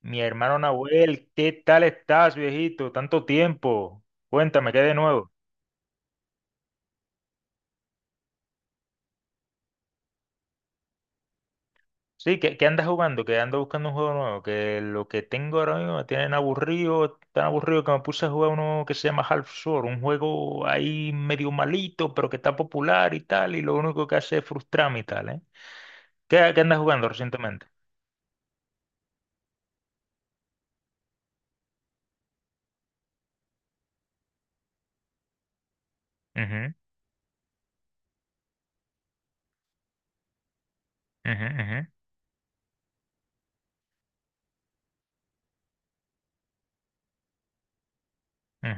Mi hermano Nahuel, ¿qué tal estás, viejito? Tanto tiempo. Cuéntame, ¿qué hay de nuevo? Sí, ¿qué andas jugando? Que ando buscando un juego nuevo. Que lo que tengo ahora mismo me tienen aburrido, tan aburrido que me puse a jugar uno que se llama Half-Sword, un juego ahí medio malito, pero que está popular y tal, y lo único que hace es frustrarme y tal, ¿eh? ¿Qué andas jugando recientemente? Ujú, ujú, ujú, ujú.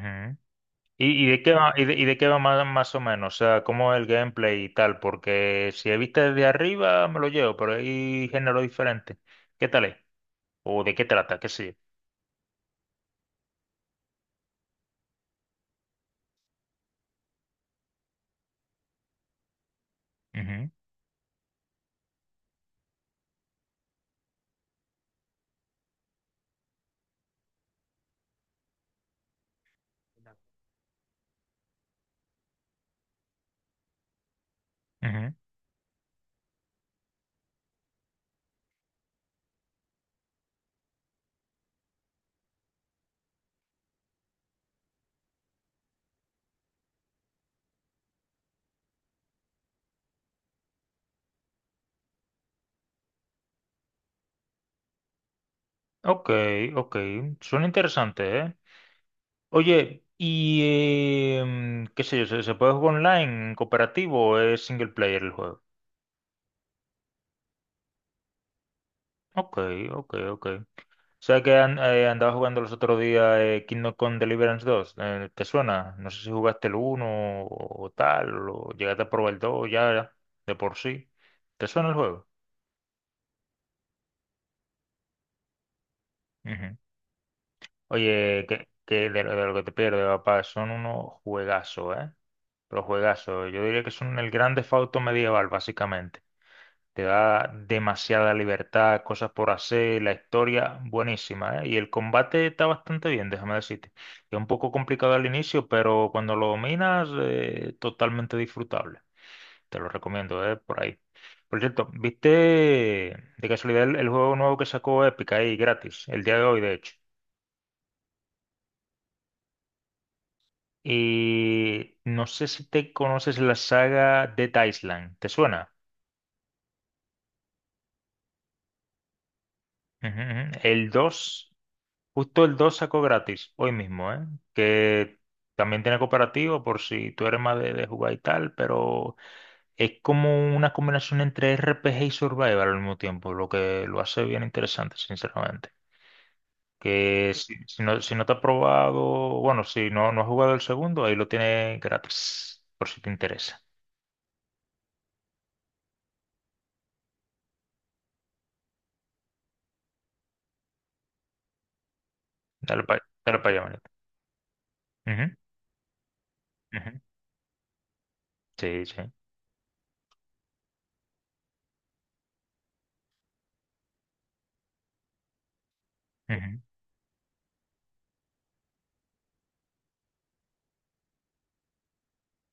¿Y de qué va, y de qué va más o menos? O sea, ¿cómo es el gameplay y tal? Porque si he visto desde arriba me lo llevo, pero hay género diferente. ¿Qué tal es? ¿O de qué trata? ¿Qué sé yo? Ujú. Ujú. Ok, ok. Suena interesante, ¿eh? Oye, y qué sé yo, ¿se puede jugar online, en cooperativo o es single player el juego? Ok, ok, ok. O sea que andaba jugando los otros días Kingdom Come Deliverance 2, ¿te suena? No sé si jugaste el uno o tal, o llegaste a probar el 2 ya de por sí. ¿Te suena el juego? Ujú. Oye, que lo de lo que te pierdes, papá, son unos juegazos, ¿eh? Pero juegazos. Yo diría que son el gran Theft Auto medieval, básicamente. Te da demasiada libertad, cosas por hacer, la historia buenísima, ¿eh? Y el combate está bastante bien, déjame decirte. Es un poco complicado al inicio, pero cuando lo dominas, totalmente disfrutable. Te lo recomiendo, ¿eh? Por ahí. Por cierto, ¿viste de casualidad el juego nuevo que sacó Epic ahí gratis, el día de hoy, de hecho? Y no sé si te conoces la saga Dead Island, ¿te suena? Ujú, ujú. El 2 Justo el 2 sacó gratis, hoy mismo, ¿eh? Que también tiene cooperativo por si tú eres más de jugar y tal, pero es como una combinación entre RPG y Survival al mismo tiempo, lo que lo hace bien interesante, sinceramente. Que si no te has probado, bueno, si no has jugado el segundo, ahí lo tienes gratis, por si te interesa. Dale para dale pa allá, manito. Ujú, ujú. Sí, sí. Ujú.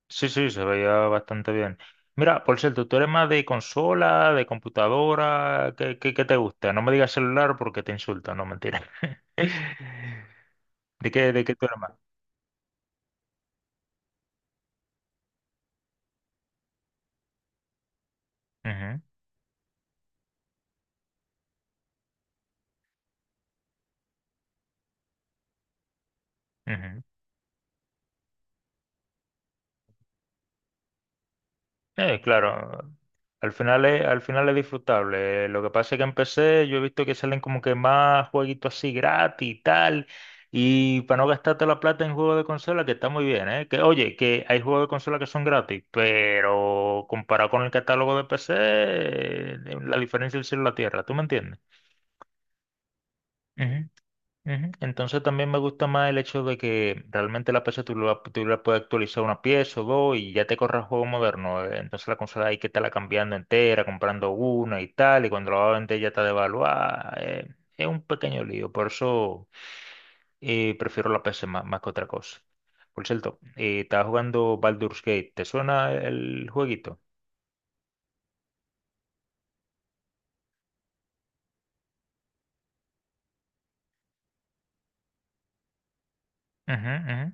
Sí, sí, se veía bastante bien. Mira, por cierto, ¿tú eres más de consola, de computadora? ¿Qué te gusta? No me digas celular porque te insultan, no, mentira. ¿De qué tú eres más? Ujú, ujú. Claro, al final es disfrutable. Lo que pasa es que en PC yo he visto que salen como que más jueguitos así gratis y tal. Y para no gastarte la plata en juegos de consola, que está muy bien, ¿eh? Oye, que hay juegos de consola que son gratis, pero comparado con el catálogo de PC, la diferencia es el cielo y la tierra, ¿tú me entiendes? Ujú. Entonces también me gusta más el hecho de que realmente la PC tú la puedes actualizar una pieza o dos y ya te corre el juego moderno. Entonces la consola hay que estarla cambiando entera, comprando una y tal, y cuando la va a vender ya está devaluada. Es un pequeño lío, por eso prefiero la PC más que otra cosa. Por cierto, estaba jugando Baldur's Gate, ¿te suena el jueguito? Ujú, ujú.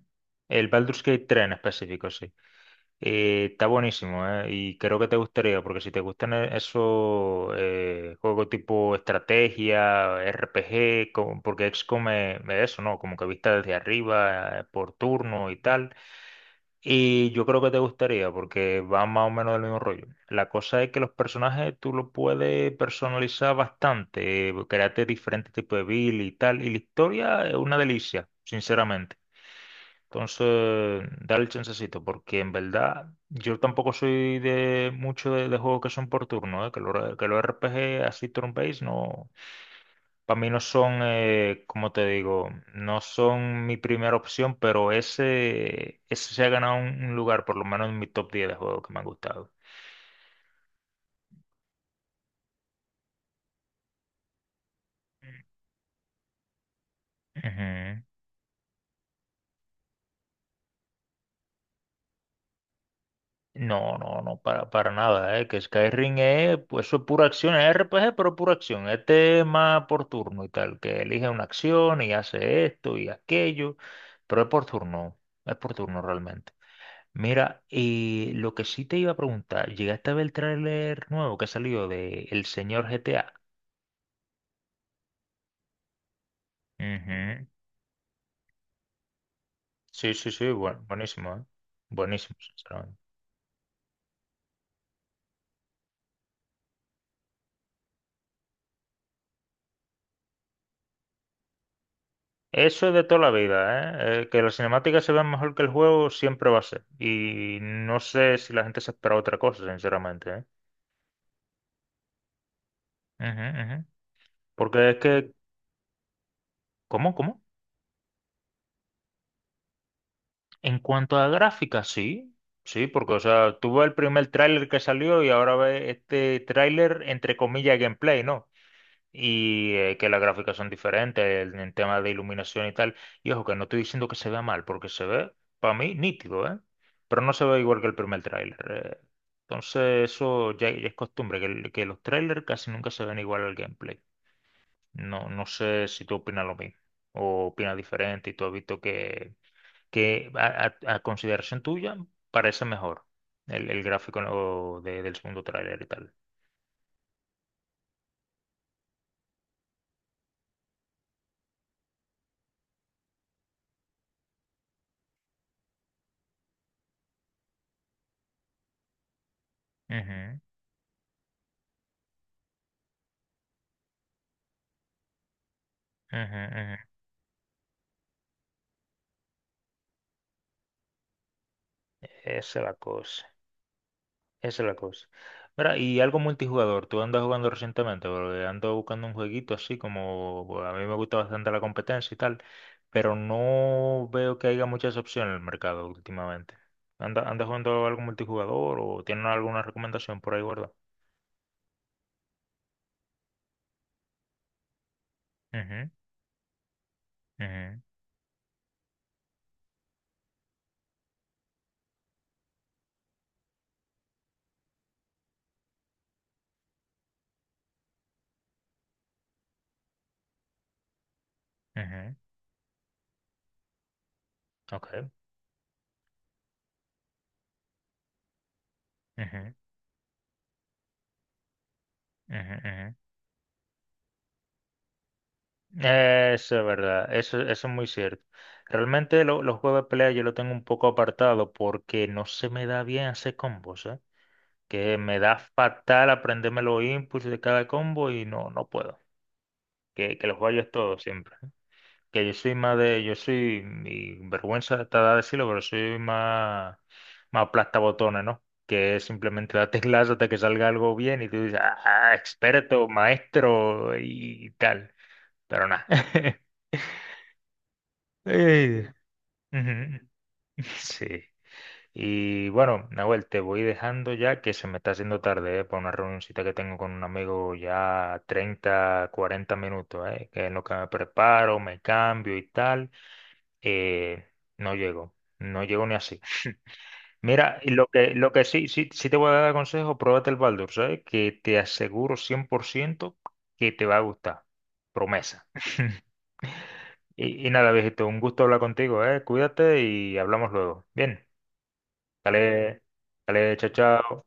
El Baldur's Gate 3 en específico, sí. Está buenísimo, ¿eh? Y creo que te gustaría, porque si te gustan esos juegos tipo estrategia, RPG, porque XCOM me eso, ¿no? Como que vista desde arriba, por turno y tal. Y yo creo que te gustaría, porque va más o menos del mismo rollo. La cosa es que los personajes tú los puedes personalizar bastante, crearte diferentes tipos de build y tal. Y la historia es una delicia, sinceramente. Entonces, dale el chancecito, porque en verdad yo tampoco soy de mucho de juegos que son por turno, ¿eh? Que los RPG así turn-based no, para mí no son, como te digo, no son mi primera opción, pero ese se ha ganado un lugar, por lo menos en mi top 10 de juegos que me han gustado. Ujú. No, no, no, para nada, que Skyrim es, pues eso es pura acción, es RPG, pero pura acción, este es tema por turno y tal, que elige una acción y hace esto y aquello, pero es por turno realmente. Mira, y lo que sí te iba a preguntar, ¿llegaste a ver el tráiler nuevo que salió de El Señor GTA? Ujú. Sí, sí, sí, bueno, buenísimo. Buenísimo, sinceramente. Eso es de toda la vida, ¿eh? Que las cinemáticas se vean mejor que el juego siempre va a ser. Y no sé si la gente se espera otra cosa, sinceramente, ¿eh? Ujú, ujú. Porque es que, ¿cómo, cómo? En cuanto a gráficas, sí, sí, porque, o sea, tú ves el primer tráiler que salió y ahora ves este tráiler, entre comillas, gameplay, ¿no? Y que las gráficas son diferentes en temas de iluminación y tal. Y ojo, que no estoy diciendo que se vea mal, porque se ve, para mí, nítido, ¿eh? Pero no se ve igual que el primer tráiler. eh. Entonces, eso ya, ya es costumbre, que los trailers casi nunca se ven igual al gameplay. No, no sé si tú opinas lo mismo o opinas diferente y tú has visto que a consideración tuya parece mejor el gráfico, ¿no? Del segundo tráiler y tal. Ujú, ujú, ujú. Esa es la cosa. Esa es la cosa. Mira, y algo multijugador, ¿tú andas jugando recientemente? Porque ando buscando un jueguito así como, bueno, a mí me gusta bastante la competencia y tal, pero no veo que haya muchas opciones en el mercado últimamente. ¿Andas jugando algo multijugador o tienes alguna recomendación por ahí guardada? Ujú, ujú, ujú, ok, ujú, ujú, ujú. Eso es verdad, eso es muy cierto. Realmente los juegos de pelea yo lo tengo un poco apartado porque no se me da bien hacer combos, ¿eh? Que me da fatal aprenderme los inputs de cada combo y no, no puedo. Que los fallo es todo siempre. Que yo soy más yo soy, mi vergüenza está de decirlo, pero soy más aplastabotones, ¿no? Que es simplemente la teclas hasta que salga algo bien y tú dices, ah, experto, maestro y tal. Pero nada. Eh, Ujú. Sí. Y bueno, Nahuel, te voy dejando ya que se me está haciendo tarde, ¿eh? Para una reunioncita que tengo con un amigo ya 30-40 minutos, ¿eh? Que en lo que me preparo, me cambio y tal, eh, no llego, no llego ni así. Mira, y lo que sí, sí, sí te voy a dar consejo, pruébate el Baldur, ¿sabes? Que te aseguro 100% que te va a gustar. Promesa. Y nada, viejito, un gusto hablar contigo, ¿eh? Cuídate y hablamos luego. Bien, dale, dale, chao, chao.